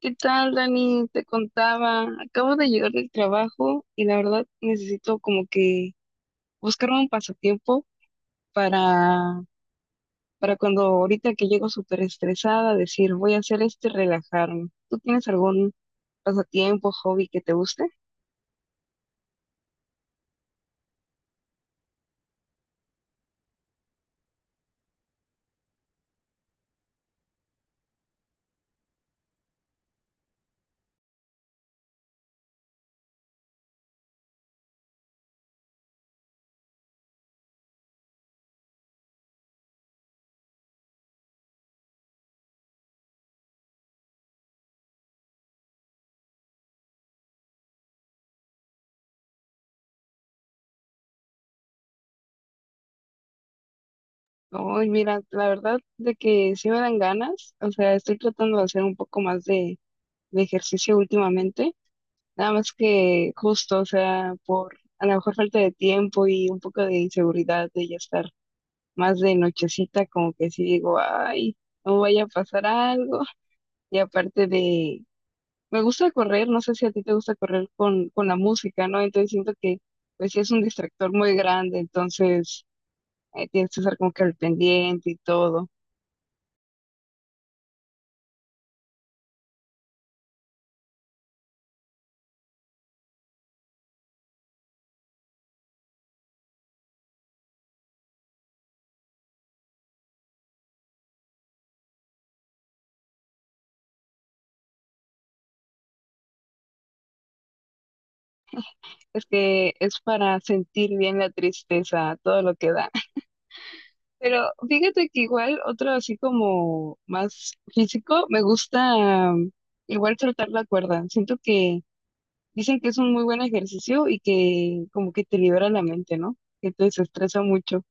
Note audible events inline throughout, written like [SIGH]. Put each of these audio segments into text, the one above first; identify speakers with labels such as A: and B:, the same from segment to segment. A: ¿Qué tal, Dani? Te contaba, acabo de llegar del trabajo y la verdad necesito como que buscar un pasatiempo para, para cuando ahorita que llego súper estresada, decir, voy a hacer esto y relajarme. ¿Tú tienes algún pasatiempo, hobby que te guste? Ay, mira, la verdad de que sí me dan ganas, o sea, estoy tratando de hacer un poco más de ejercicio últimamente, nada más que justo, o sea, por a lo mejor falta de tiempo y un poco de inseguridad de ya estar más de nochecita, como que sí digo, ay, no vaya a pasar algo. Y aparte de, me gusta correr, no sé si a ti te gusta correr con la música, ¿no? Entonces siento que, pues sí es un distractor muy grande, entonces tienes que estar como que al pendiente y todo. Es que es para sentir bien la tristeza, todo lo que da. [LAUGHS] Pero fíjate que igual otro así como más físico, me gusta igual saltar la cuerda. Siento que dicen que es un muy buen ejercicio y que como que te libera la mente, ¿no? Que te desestresa mucho.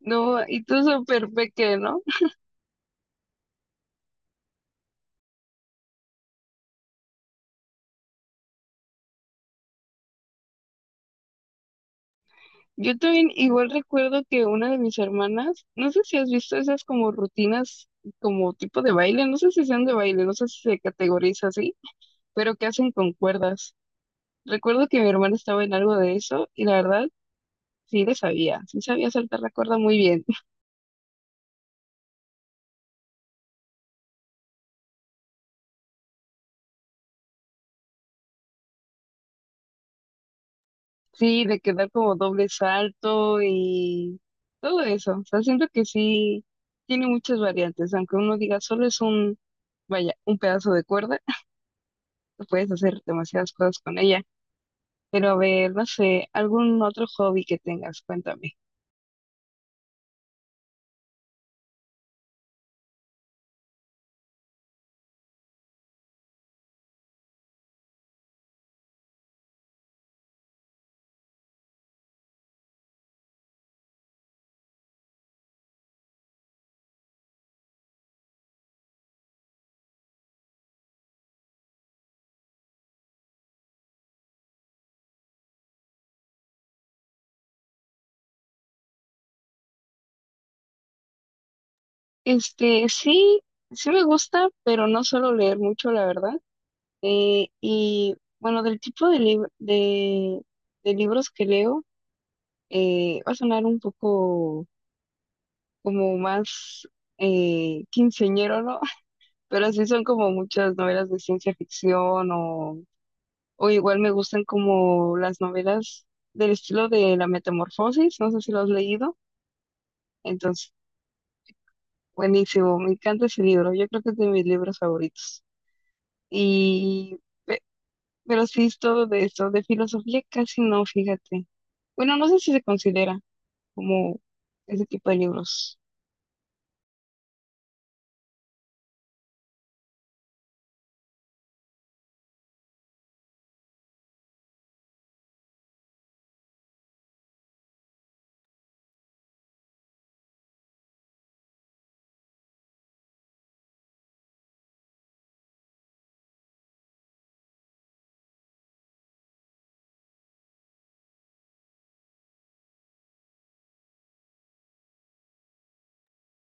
A: No, y tú súper peque, ¿no? Yo también igual recuerdo que una de mis hermanas, no sé si has visto esas como rutinas, como tipo de baile, no sé si sean de baile, no sé si se categoriza así, pero que hacen con cuerdas. Recuerdo que mi hermana estaba en algo de eso y la verdad sí le sabía, sí sabía saltar la cuerda muy bien. Sí, de quedar como doble salto y todo eso. O sea, siento que sí tiene muchas variantes, aunque uno diga solo es un, vaya, un pedazo de cuerda, [LAUGHS] puedes hacer demasiadas cosas con ella. Pero a ver, no sé, algún otro hobby que tengas, cuéntame. Este, sí, sí me gusta, pero no suelo leer mucho, la verdad. Y bueno, del tipo de de libros que leo, va a sonar un poco como más quinceañero, ¿no? [LAUGHS] Pero sí son como muchas novelas de ciencia ficción o igual me gustan como las novelas del estilo de La Metamorfosis, no sé si lo has leído, entonces, buenísimo, me encanta ese libro, yo creo que es de mis libros favoritos. Y, pe- pero sí es todo de esto, de filosofía casi no, fíjate. Bueno, no sé si se considera como ese tipo de libros.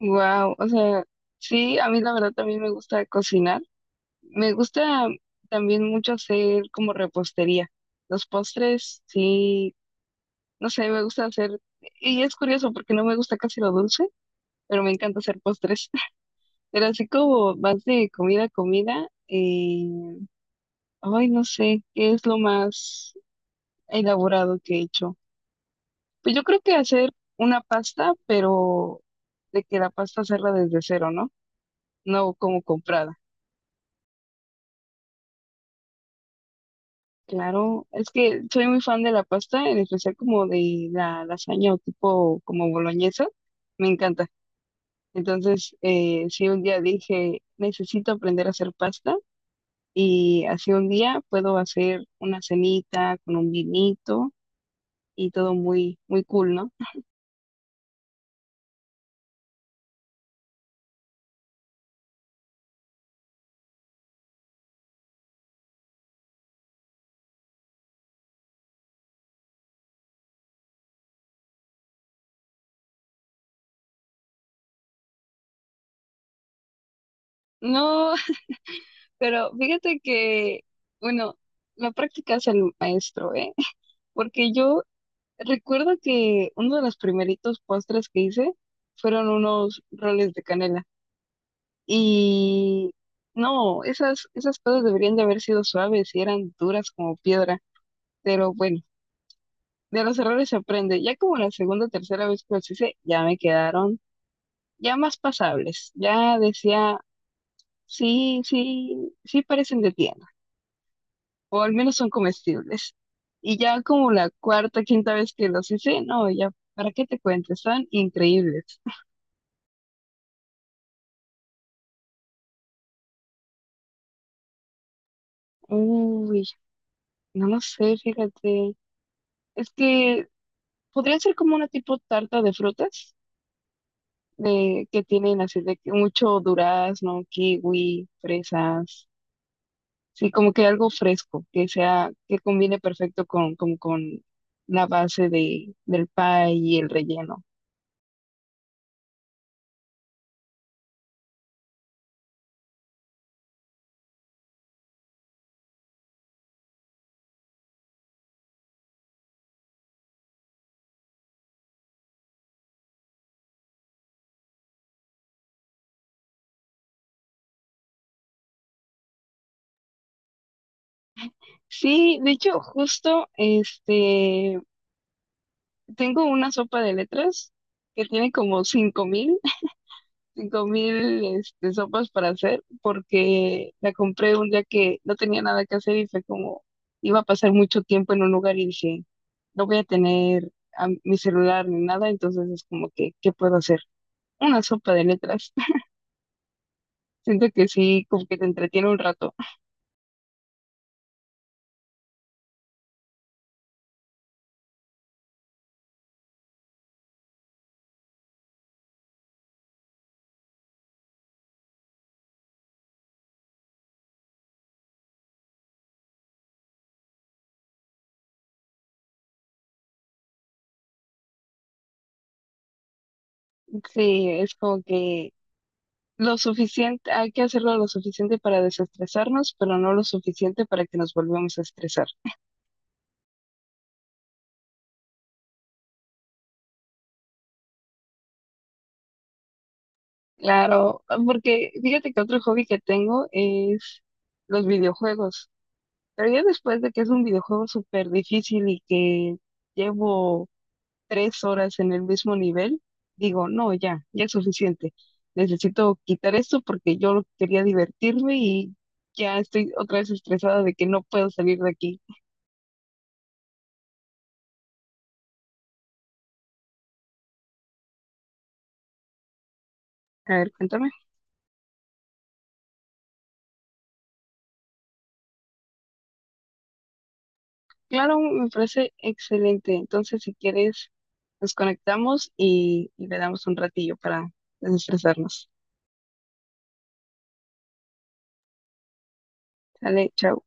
A: Wow, o sea, sí, a mí la verdad también me gusta cocinar. Me gusta también mucho hacer como repostería. Los postres, sí, no sé, me gusta hacer, y es curioso porque no me gusta casi lo dulce, pero me encanta hacer postres. [LAUGHS] Pero así como más de comida a comida, ay, no sé, ¿qué es lo más elaborado que he hecho? Pues yo creo que hacer una pasta, pero de que la pasta hacerla desde cero, ¿no? No como comprada. Claro, es que soy muy fan de la pasta, en especial como de la lasaña o tipo como boloñesa, me encanta. Entonces, si un día dije, necesito aprender a hacer pasta y así un día puedo hacer una cenita con un vinito y todo muy, muy cool, ¿no? No, [LAUGHS] pero fíjate que, bueno, la práctica es el maestro, ¿eh? [LAUGHS] Porque yo recuerdo que uno de los primeritos postres que hice fueron unos roles de canela. Y no, esas, esas cosas deberían de haber sido suaves y eran duras como piedra. Pero bueno, de los errores se aprende. Ya como la segunda o tercera vez que los hice, ya me quedaron ya más pasables. Ya decía, sí, sí, sí parecen de tienda. O al menos son comestibles. Y ya como la cuarta, quinta vez que los hice, no, ya, ¿para qué te cuento? Están increíbles. Uy, no lo sé, fíjate. Es que podría ser como una tipo tarta de frutas, de que tienen así de que mucho durazno, kiwi, fresas, sí, como que algo fresco, que sea, que combine perfecto con, con la base de, del pie y el relleno. Sí, de hecho, justo, este, tengo una sopa de letras que tiene como cinco mil este, sopas para hacer porque la compré un día que no tenía nada que hacer y fue como iba a pasar mucho tiempo en un lugar y dije, no voy a tener a mi celular ni nada, entonces es como que, ¿qué puedo hacer? Una sopa de letras. [LAUGHS] Siento que sí, como que te entretiene un rato. Sí, es como que lo suficiente, hay que hacerlo lo suficiente para desestresarnos, pero no lo suficiente para que nos volvamos a estresar. Claro, porque fíjate que otro hobby que tengo es los videojuegos. Pero ya después de que es un videojuego súper difícil y que llevo 3 horas en el mismo nivel, digo, no, ya, ya es suficiente. Necesito quitar esto porque yo quería divertirme y ya estoy otra vez estresada de que no puedo salir de aquí. A ver, cuéntame. Claro, me parece excelente. Entonces, si quieres, nos conectamos y le damos un ratillo para desestresarnos. Sale, chao.